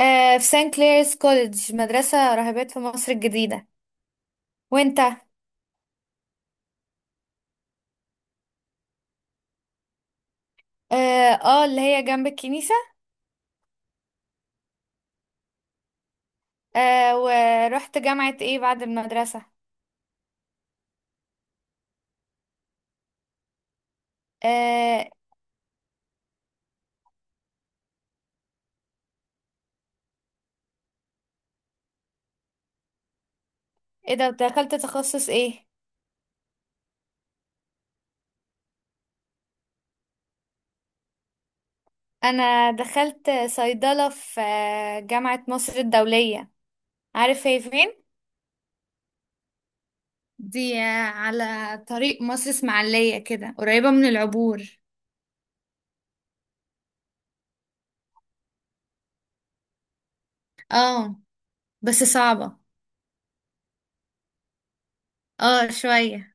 في سان كليرز كوليدج، مدرسة راهبات في مصر الجديدة. وانت؟ اه. اللي هي جنب الكنيسة. ورحت جامعة ايه بعد المدرسة؟ آه ايه ده، دخلت تخصص ايه؟ انا دخلت صيدلة في جامعة مصر الدولية. عارف هي فين؟ دي على طريق مصر اسماعيلية كده، قريبة من العبور. اه، بس صعبة. اه، شوية.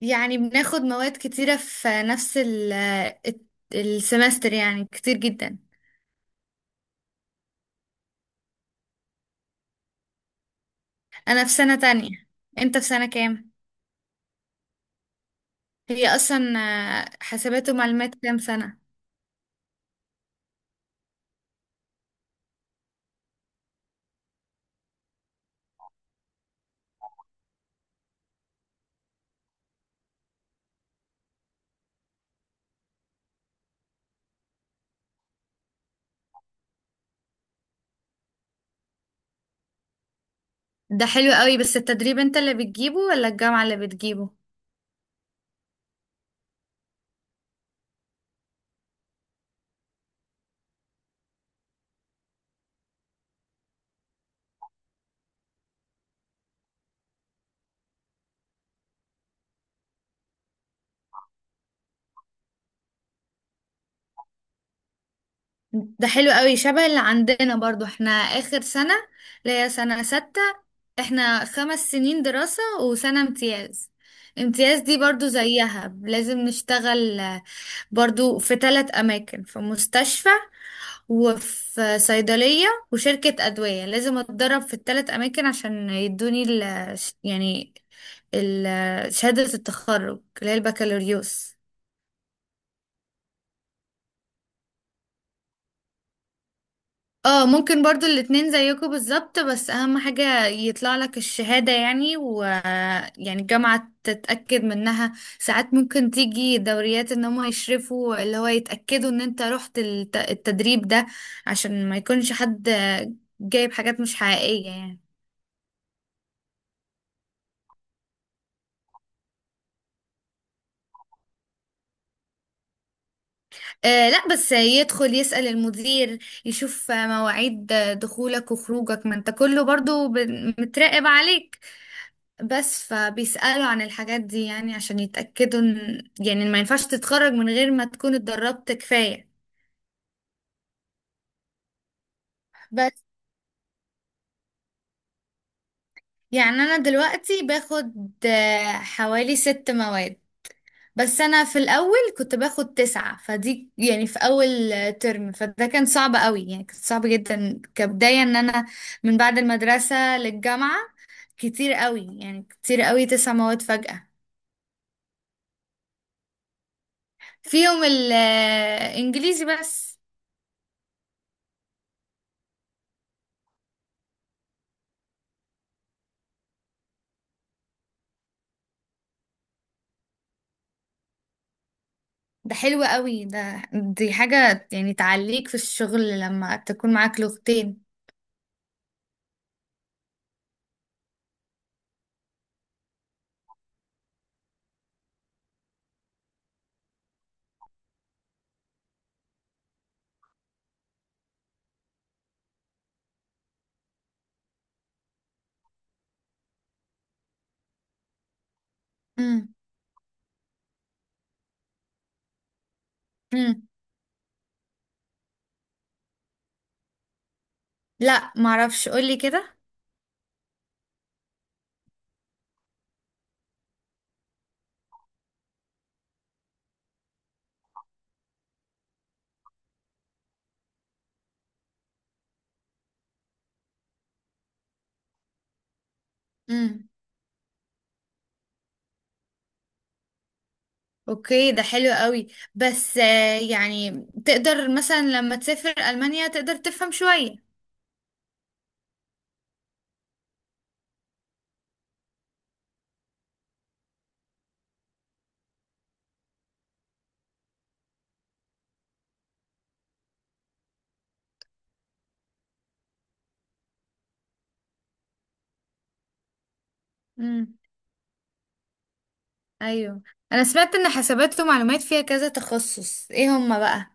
يعني بناخد مواد كتيرة في نفس السمستر، يعني كتير جدا. أنا في سنة تانية. أنت في سنة كام؟ هي أصلا حاسبات ومعلومات كام سنة؟ ده حلو قوي، بس التدريب أنت اللي بتجيبه ولا الجامعة اللي بتجيبه؟ ده حلو قوي شبه اللي عندنا. برضو احنا آخر سنة، اللي هي سنة ستة. احنا 5 سنين دراسة وسنة امتياز. امتياز دي برضو زيها، لازم نشتغل برضو في ثلاث أماكن: في مستشفى، وفي صيدلية، وشركة أدوية. لازم أتدرب في الثلاث أماكن عشان يدوني يعني ال شهادة التخرج اللي هي البكالوريوس. اه، ممكن برضو الاتنين زيكم بالظبط. بس أهم حاجة يطلع لك الشهادة، يعني يعني الجامعة تتأكد منها. ساعات ممكن تيجي دوريات ان هم يشرفوا، اللي هو يتأكدوا ان انت رحت التدريب ده، عشان ما يكونش حد جايب حاجات مش حقيقية يعني. آه، لا، بس يدخل يسأل المدير، يشوف مواعيد دخولك وخروجك. ما انت كله برضو متراقب عليك، بس فبيسألوا عن الحاجات دي، يعني عشان يتأكدوا ان، يعني ما ينفعش تتخرج من غير ما تكون اتدربت كفاية. بس يعني انا دلوقتي باخد حوالي ست مواد بس. انا في الاول كنت باخد تسعة، فدي يعني في اول ترم، فده كان صعب قوي، يعني كان صعب جدا كبداية ان انا من بعد المدرسة للجامعة كتير قوي، يعني كتير قوي تسع مواد فجأة. فيهم الانجليزي بس. ده حلو قوي، دي حاجة يعني تعليك في الشغل لما تكون معاك لغتين. امم. امم، لا، معرفش، قولي كده. امم. اوكي، ده حلو قوي. بس يعني تقدر مثلا لما تسافر ألمانيا تقدر تفهم شوية. امم. ايوه، انا سمعت ان حسابات ومعلومات فيها كذا تخصص، ايه هما بقى؟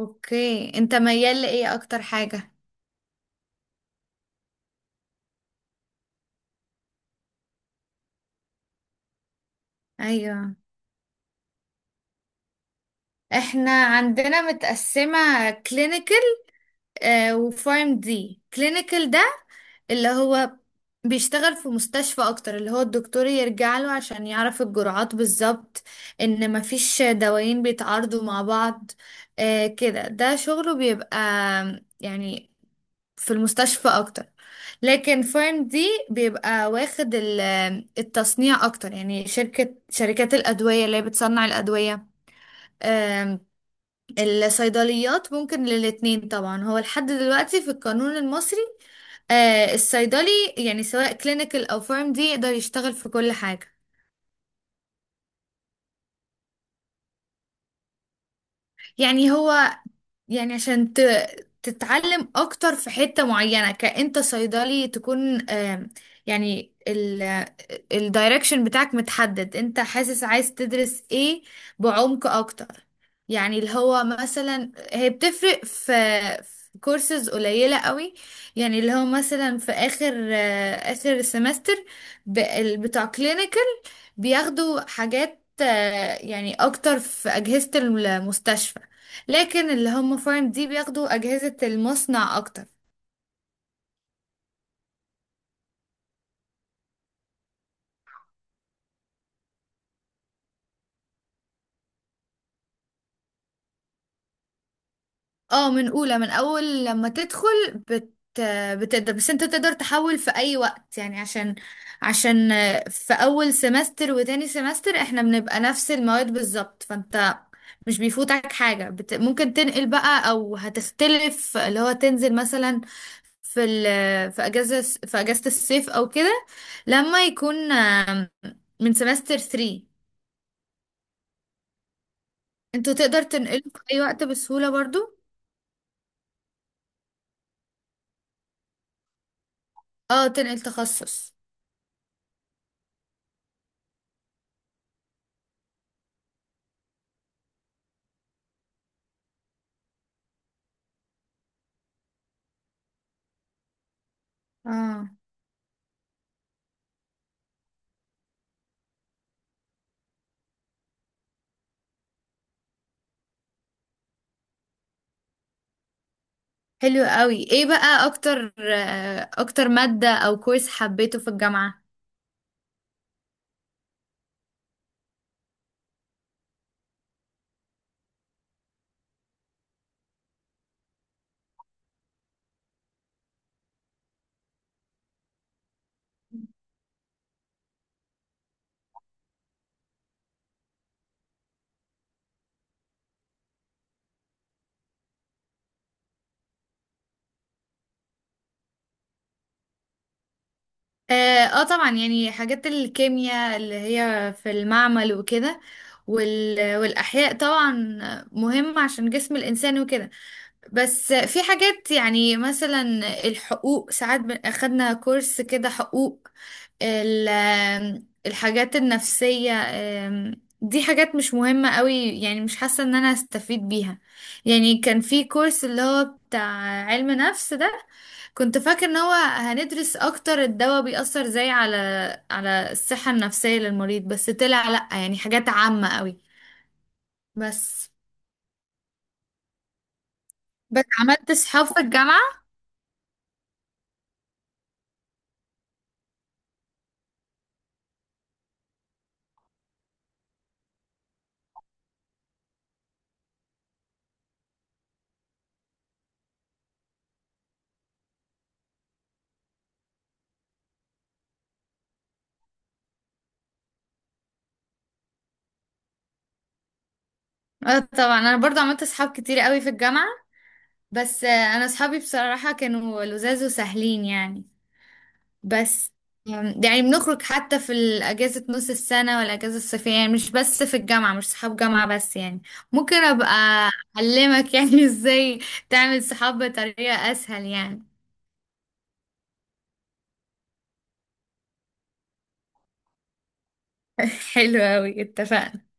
اوكي، انت ميال لايه اكتر حاجة؟ ايوه. احنا عندنا متقسمة كلينيكال وفارم دي. كلينيكال ده اللي هو بيشتغل في مستشفى اكتر، اللي هو الدكتور يرجع له عشان يعرف الجرعات بالظبط، ان مفيش دوايين بيتعارضوا مع بعض. آه كده، ده شغله بيبقى يعني في المستشفى اكتر. لكن فارم دي بيبقى واخد التصنيع اكتر، يعني شركات الادوية اللي هي بتصنع الادوية. الصيدليات ممكن للاتنين طبعا. هو لحد دلوقتي في القانون المصري، آه، الصيدلي يعني سواء كلينيكال او فارم دي يقدر يشتغل في كل حاجة. يعني هو، يعني عشان تتعلم اكتر في حتة معينة. كأنت صيدلي، تكون يعني الدايركشن بتاعك متحدد. انت حاسس عايز تدرس ايه بعمق اكتر. يعني اللي هو مثلا هي بتفرق في كورسز قليلة قوي. يعني اللي هو مثلا في اخر سمستر بتاع كلينيكال بياخدوا حاجات يعني اكتر في اجهزة المستشفى، لكن اللي هم فارم دي بياخدوا أجهزة المصنع أكتر. اه، من أولى، من أول لما تدخل. بت بتقدر. بس انت تقدر تحول في أي وقت، يعني عشان في أول سمستر وتاني سمستر احنا بنبقى نفس المواد بالظبط. فانت مش بيفوتك حاجة، ممكن تنقل بقى. أو هتختلف اللي هو تنزل مثلا في ال في أجازة في أجازة الصيف أو كده، لما يكون من سمستر 3. انتوا تقدر تنقله في اي وقت بسهولة برضو. اه، تنقل تخصص. اه، حلو قوي. ايه بقى اكتر مادة او كويس حبيته في الجامعة؟ اه، طبعا، يعني حاجات الكيمياء اللي هي في المعمل وكده والاحياء طبعا، مهمة عشان جسم الانسان وكده. بس في حاجات يعني مثلا الحقوق، ساعات اخدنا كورس كده حقوق، الحاجات النفسية. دي حاجات مش مهمة قوي. يعني مش حاسة ان انا هستفيد بيها. يعني كان في كورس اللي هو بتاع علم نفس ده، كنت فاكر ان هو هندرس اكتر الدواء بيأثر ازاي على الصحة النفسية للمريض. بس طلع لأ، يعني حاجات عامة قوي بس بس عملت صحاب في الجامعة. اه، طبعا، انا برضو عملت اصحاب كتير قوي في الجامعة. بس انا اصحابي بصراحة كانوا لذاذ وسهلين يعني. بس يعني بنخرج حتى في الاجازة نص السنة والاجازة الصيفية، يعني مش بس في الجامعة، مش صحاب جامعة بس يعني. ممكن ابقى اعلمك يعني ازاي تعمل صحاب بطريقة اسهل يعني. حلو قوي، اتفقنا.